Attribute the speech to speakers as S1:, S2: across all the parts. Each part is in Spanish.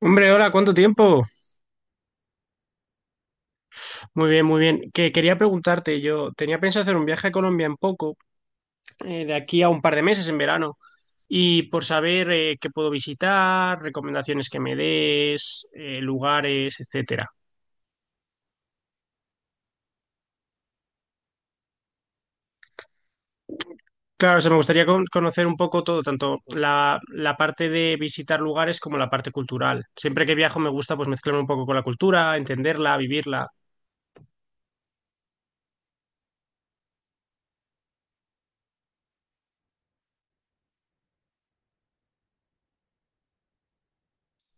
S1: Hombre, hola, ¿cuánto tiempo? Muy bien, muy bien. Que quería preguntarte, yo tenía pensado hacer un viaje a Colombia en poco, de aquí a un par de meses en verano, y por saber qué puedo visitar, recomendaciones que me des, lugares, etcétera. Claro, o sea, me gustaría conocer un poco todo, tanto la parte de visitar lugares como la parte cultural. Siempre que viajo me gusta pues mezclarme un poco con la cultura, entenderla, vivirla.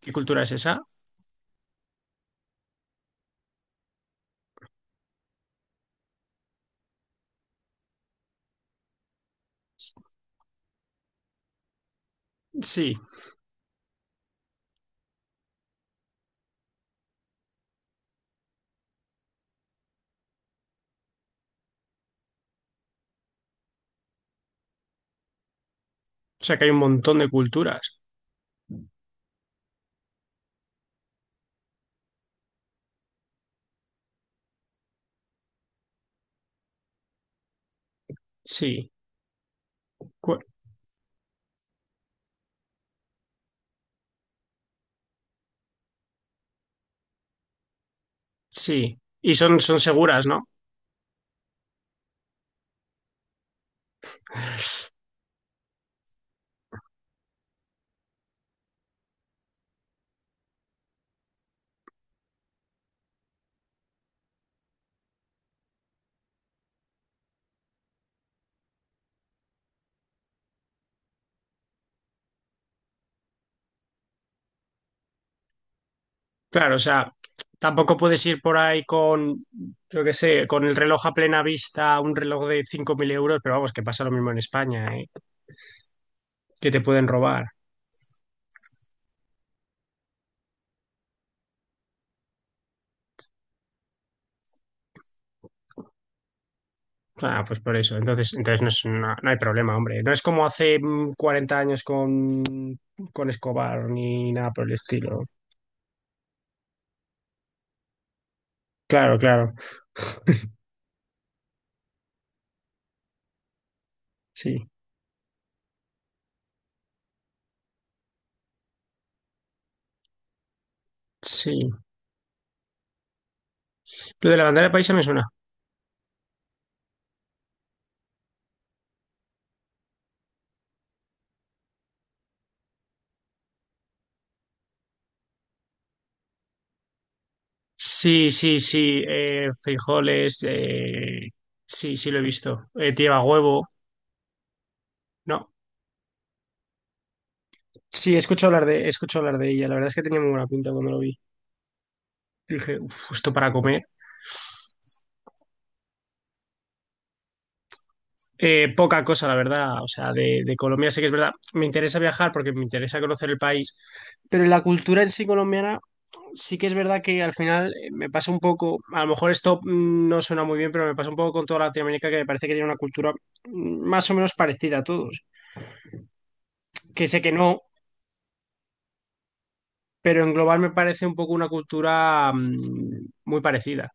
S1: ¿Qué cultura es esa? Sí. O sea que hay un montón de culturas. Sí. Cu- Sí. Y son seguras, ¿no? Claro, o sea, tampoco puedes ir por ahí con, yo qué sé, con el reloj a plena vista, un reloj de 5.000 euros, pero vamos, que pasa lo mismo en España, ¿eh? Que te pueden robar. Ah, pues por eso. Entonces, no hay problema, hombre. No es como hace 40 años con Escobar ni nada por el estilo. Claro, claro. Sí, sí. Lo de la bandera paisa me suena. Sí, sí, sí. Frijoles. Sí, sí, lo he visto. Lleva huevo. No. Sí, escucho hablar de ella. La verdad es que tenía muy buena pinta cuando lo vi. Dije, uff, esto para comer. Poca cosa, la verdad. O sea, de Colombia sé que es verdad. Me interesa viajar porque me interesa conocer el país. Pero en la cultura en sí colombiana, sí que es verdad que al final me pasa un poco, a lo mejor esto no suena muy bien, pero me pasa un poco con toda Latinoamérica que me parece que tiene una cultura más o menos parecida a todos. Que sé que no, pero en global me parece un poco una cultura muy parecida.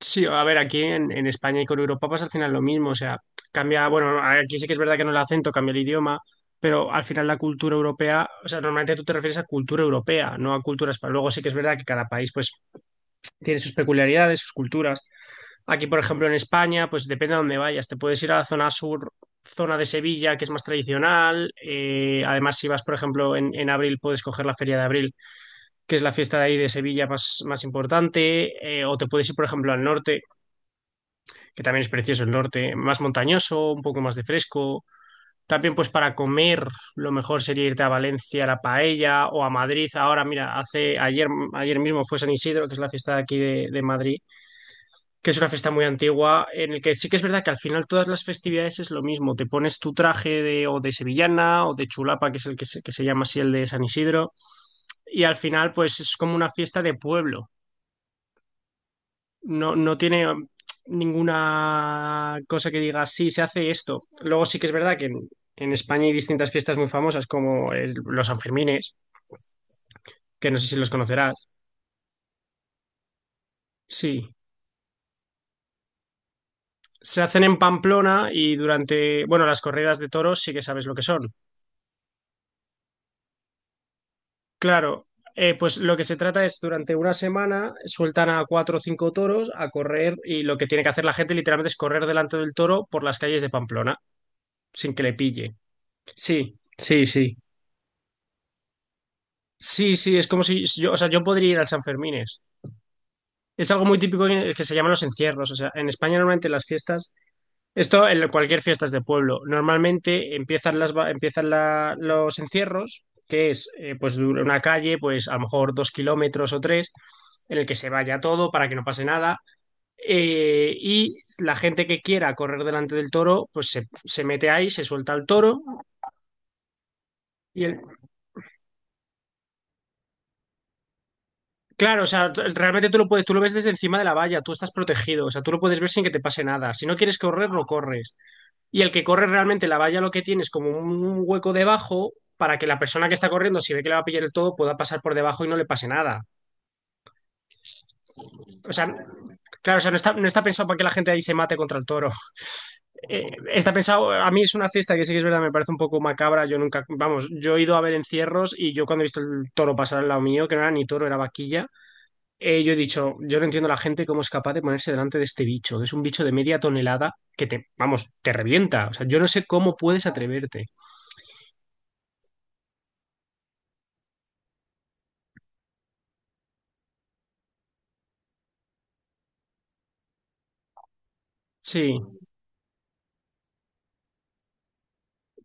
S1: Sí, a ver, aquí en España y con Europa pasa al final lo mismo, o sea, cambia, bueno, aquí sí que es verdad que no el acento, cambia el idioma, pero al final la cultura europea, o sea, normalmente tú te refieres a cultura europea, no a cultura española. Luego sí que es verdad que cada país pues tiene sus peculiaridades, sus culturas. Aquí, por ejemplo, en España, pues depende a dónde vayas. Te puedes ir a la zona sur, zona de Sevilla, que es más tradicional. Además, si vas, por ejemplo, en abril, puedes coger la Feria de Abril, que es la fiesta de ahí de Sevilla más importante. O te puedes ir, por ejemplo, al norte, que también es precioso el norte, más montañoso, un poco más de fresco. También, pues para comer, lo mejor sería irte a Valencia, a la paella, o a Madrid. Ahora, mira, ayer mismo fue San Isidro, que es la fiesta de aquí de Madrid, que es una fiesta muy antigua, en el que sí que es verdad que al final todas las festividades es lo mismo. Te pones tu traje de, o de sevillana o de chulapa, que es el que se llama así el de San Isidro, y al final pues es como una fiesta de pueblo. No, no tiene ninguna cosa que diga, sí, se hace esto. Luego sí que es verdad que en España hay distintas fiestas muy famosas como los Sanfermines, que no sé si los conocerás. Sí. Se hacen en Pamplona y durante, bueno, las corridas de toros sí que sabes lo que son. Claro, pues lo que se trata es durante una semana sueltan a cuatro o cinco toros a correr y lo que tiene que hacer la gente literalmente es correr delante del toro por las calles de Pamplona sin que le pille. Sí, sí, sí. Sí, sí, es como si yo, o sea, yo podría ir al Sanfermines. Es algo muy típico que se llaman los encierros. O sea, en España normalmente las fiestas esto en cualquier fiesta es de pueblo. Normalmente empiezan las, va- empiezan la- los encierros, que es pues dura una calle, pues a lo mejor 2 km o tres, en el que se vaya todo para que no pase nada. Y la gente que quiera correr delante del toro, pues se mete ahí, se suelta al toro. Y el- claro, o sea, realmente tú lo puedes, tú lo ves desde encima de la valla, tú estás protegido, o sea, tú lo puedes ver sin que te pase nada. Si no quieres correr, no corres. Y el que corre realmente la valla lo que tiene es como un hueco debajo para que la persona que está corriendo, si ve que le va a pillar el todo, pueda pasar por debajo y no le pase nada. O sea, claro, o sea, no está pensado para que la gente ahí se mate contra el toro. Está pensado, a mí es una fiesta que sí que es verdad, me parece un poco macabra. Yo nunca, vamos, yo he ido a ver encierros y yo cuando he visto el toro pasar al lado mío, que no era ni toro, era vaquilla, yo he dicho, yo no entiendo a la gente cómo es capaz de ponerse delante de este bicho, que es un bicho de media tonelada que te, vamos, te revienta. O sea, yo no sé cómo puedes atreverte. Sí,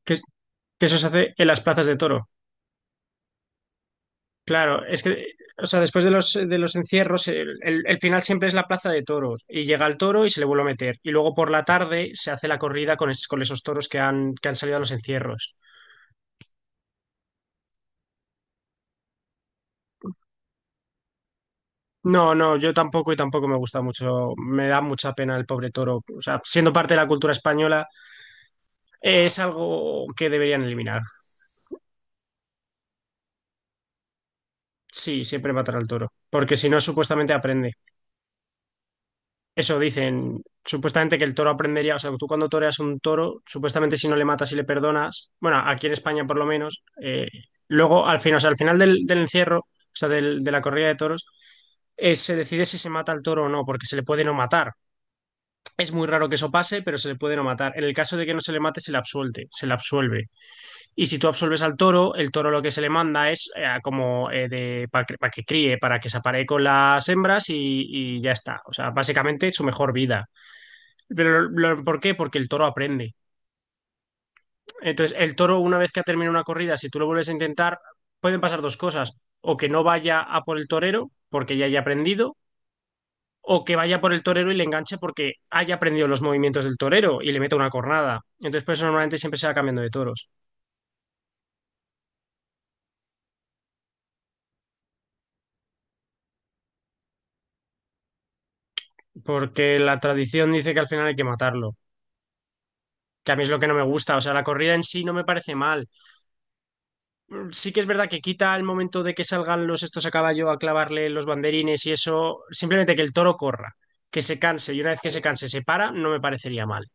S1: que, que eso se hace en las plazas de toro. Claro, es que, o sea, después de los encierros, el final siempre es la plaza de toros y llega el toro y se le vuelve a meter. Y luego por la tarde se hace la corrida con esos toros que han salido a los encierros. No, no, yo tampoco y tampoco me gusta mucho. Me da mucha pena el pobre toro. O sea, siendo parte de la cultura española, es algo que deberían eliminar. Sí, siempre matar al toro, porque si no, supuestamente aprende. Eso dicen, supuestamente que el toro aprendería, o sea, tú cuando toreas un toro, supuestamente si no le matas y le perdonas, bueno, aquí en España por lo menos, luego al final, o sea, al final del encierro, o sea, de la corrida de toros, se decide si se mata al toro o no, porque se le puede no matar. Es muy raro que eso pase, pero se le puede no matar. En el caso de que no se le mate, se le absuelve. Y si tú absuelves al toro, el toro lo que se le manda es como pa' que críe, para que se aparee con las hembras y ya está. O sea, básicamente su mejor vida. Pero ¿por qué? Porque el toro aprende. Entonces, el toro, una vez que ha terminado una corrida, si tú lo vuelves a intentar, pueden pasar dos cosas. O que no vaya a por el torero, porque ya haya aprendido, o que vaya por el torero y le enganche porque haya aprendido los movimientos del torero y le meta una cornada. Entonces, por eso normalmente siempre se va cambiando de toros. Porque la tradición dice que al final hay que matarlo. Que a mí es lo que no me gusta. O sea, la corrida en sí no me parece mal. Sí que es verdad que quita el momento de que salgan los estos a caballo a clavarle los banderines y eso, simplemente que el toro corra, que se canse y una vez que se canse se para, no me parecería mal.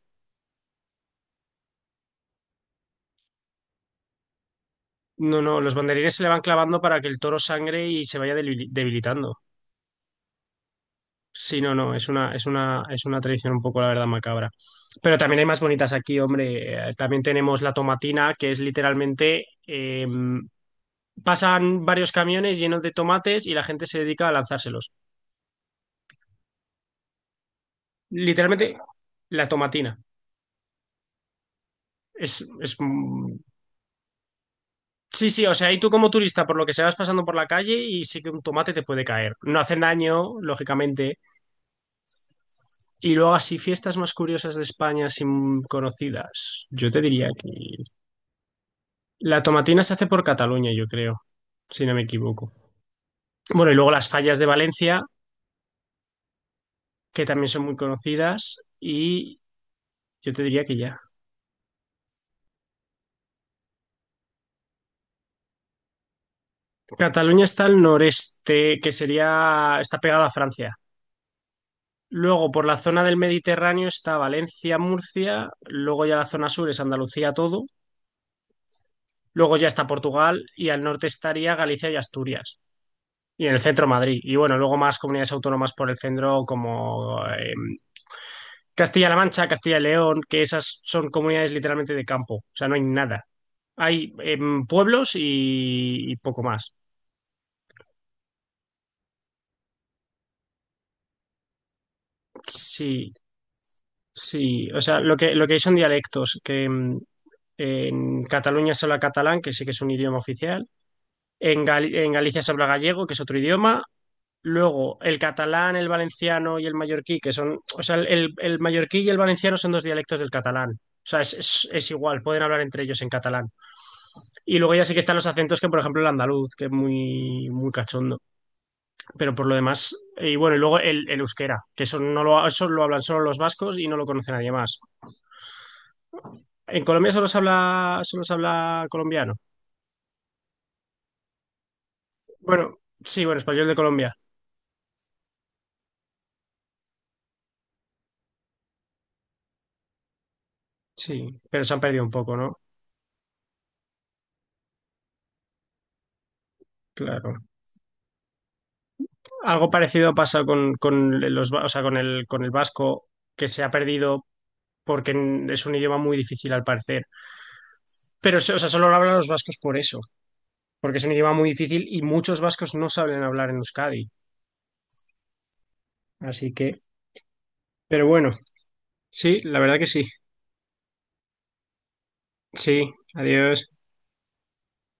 S1: No, no, los banderines se le van clavando para que el toro sangre y se vaya debilitando. Sí, no, no, es una, es una tradición un poco, la verdad, macabra. Pero también hay más bonitas aquí, hombre. También tenemos la tomatina, que es literalmente, pasan varios camiones llenos de tomates y la gente se dedica a lanzárselos. Literalmente, la tomatina. Es, es, mm, sí, sí, o sea, y tú como turista, por lo que se vas pasando por la calle y sí que un tomate te puede caer. No hacen daño, lógicamente. Y luego así, fiestas más curiosas de España sin conocidas. Yo te diría que la tomatina se hace por Cataluña, yo creo, si no me equivoco. Bueno, y luego las fallas de Valencia, que también son muy conocidas. Y yo te diría que ya. Cataluña está al noreste, que sería, está pegada a Francia. Luego, por la zona del Mediterráneo está Valencia, Murcia, luego ya la zona sur es Andalucía todo, luego ya está Portugal y al norte estaría Galicia y Asturias, y en el centro Madrid. Y bueno, luego más comunidades autónomas por el centro como Castilla-La Mancha, Castilla y León, que esas son comunidades literalmente de campo, o sea, no hay nada. Hay pueblos y poco más. Sí, sí, o sea, lo que hay son dialectos, que en Cataluña se habla catalán, que sí que es un idioma oficial. En Galicia se habla gallego, que es otro idioma. Luego, el catalán, el valenciano y el mallorquí, que son, o sea, el mallorquí y el valenciano son dos dialectos del catalán. O sea, es igual, pueden hablar entre ellos en catalán. Y luego ya sí que están los acentos, que por ejemplo el andaluz, que es muy, muy cachondo. Pero por lo demás, y bueno, y luego el euskera, que eso no lo, eso lo hablan solo los vascos y no lo conoce nadie más. En Colombia solo se habla colombiano. Bueno, sí, bueno, español de Colombia. Sí, pero se han perdido un poco, ¿no? Claro. Algo parecido pasa con los, o sea, con el vasco, que se ha perdido porque es un idioma muy difícil al parecer. Pero, o sea, solo lo hablan los vascos por eso, porque es un idioma muy difícil y muchos vascos no saben hablar en Euskadi. Así que, pero bueno, sí, la verdad que sí. Sí, adiós.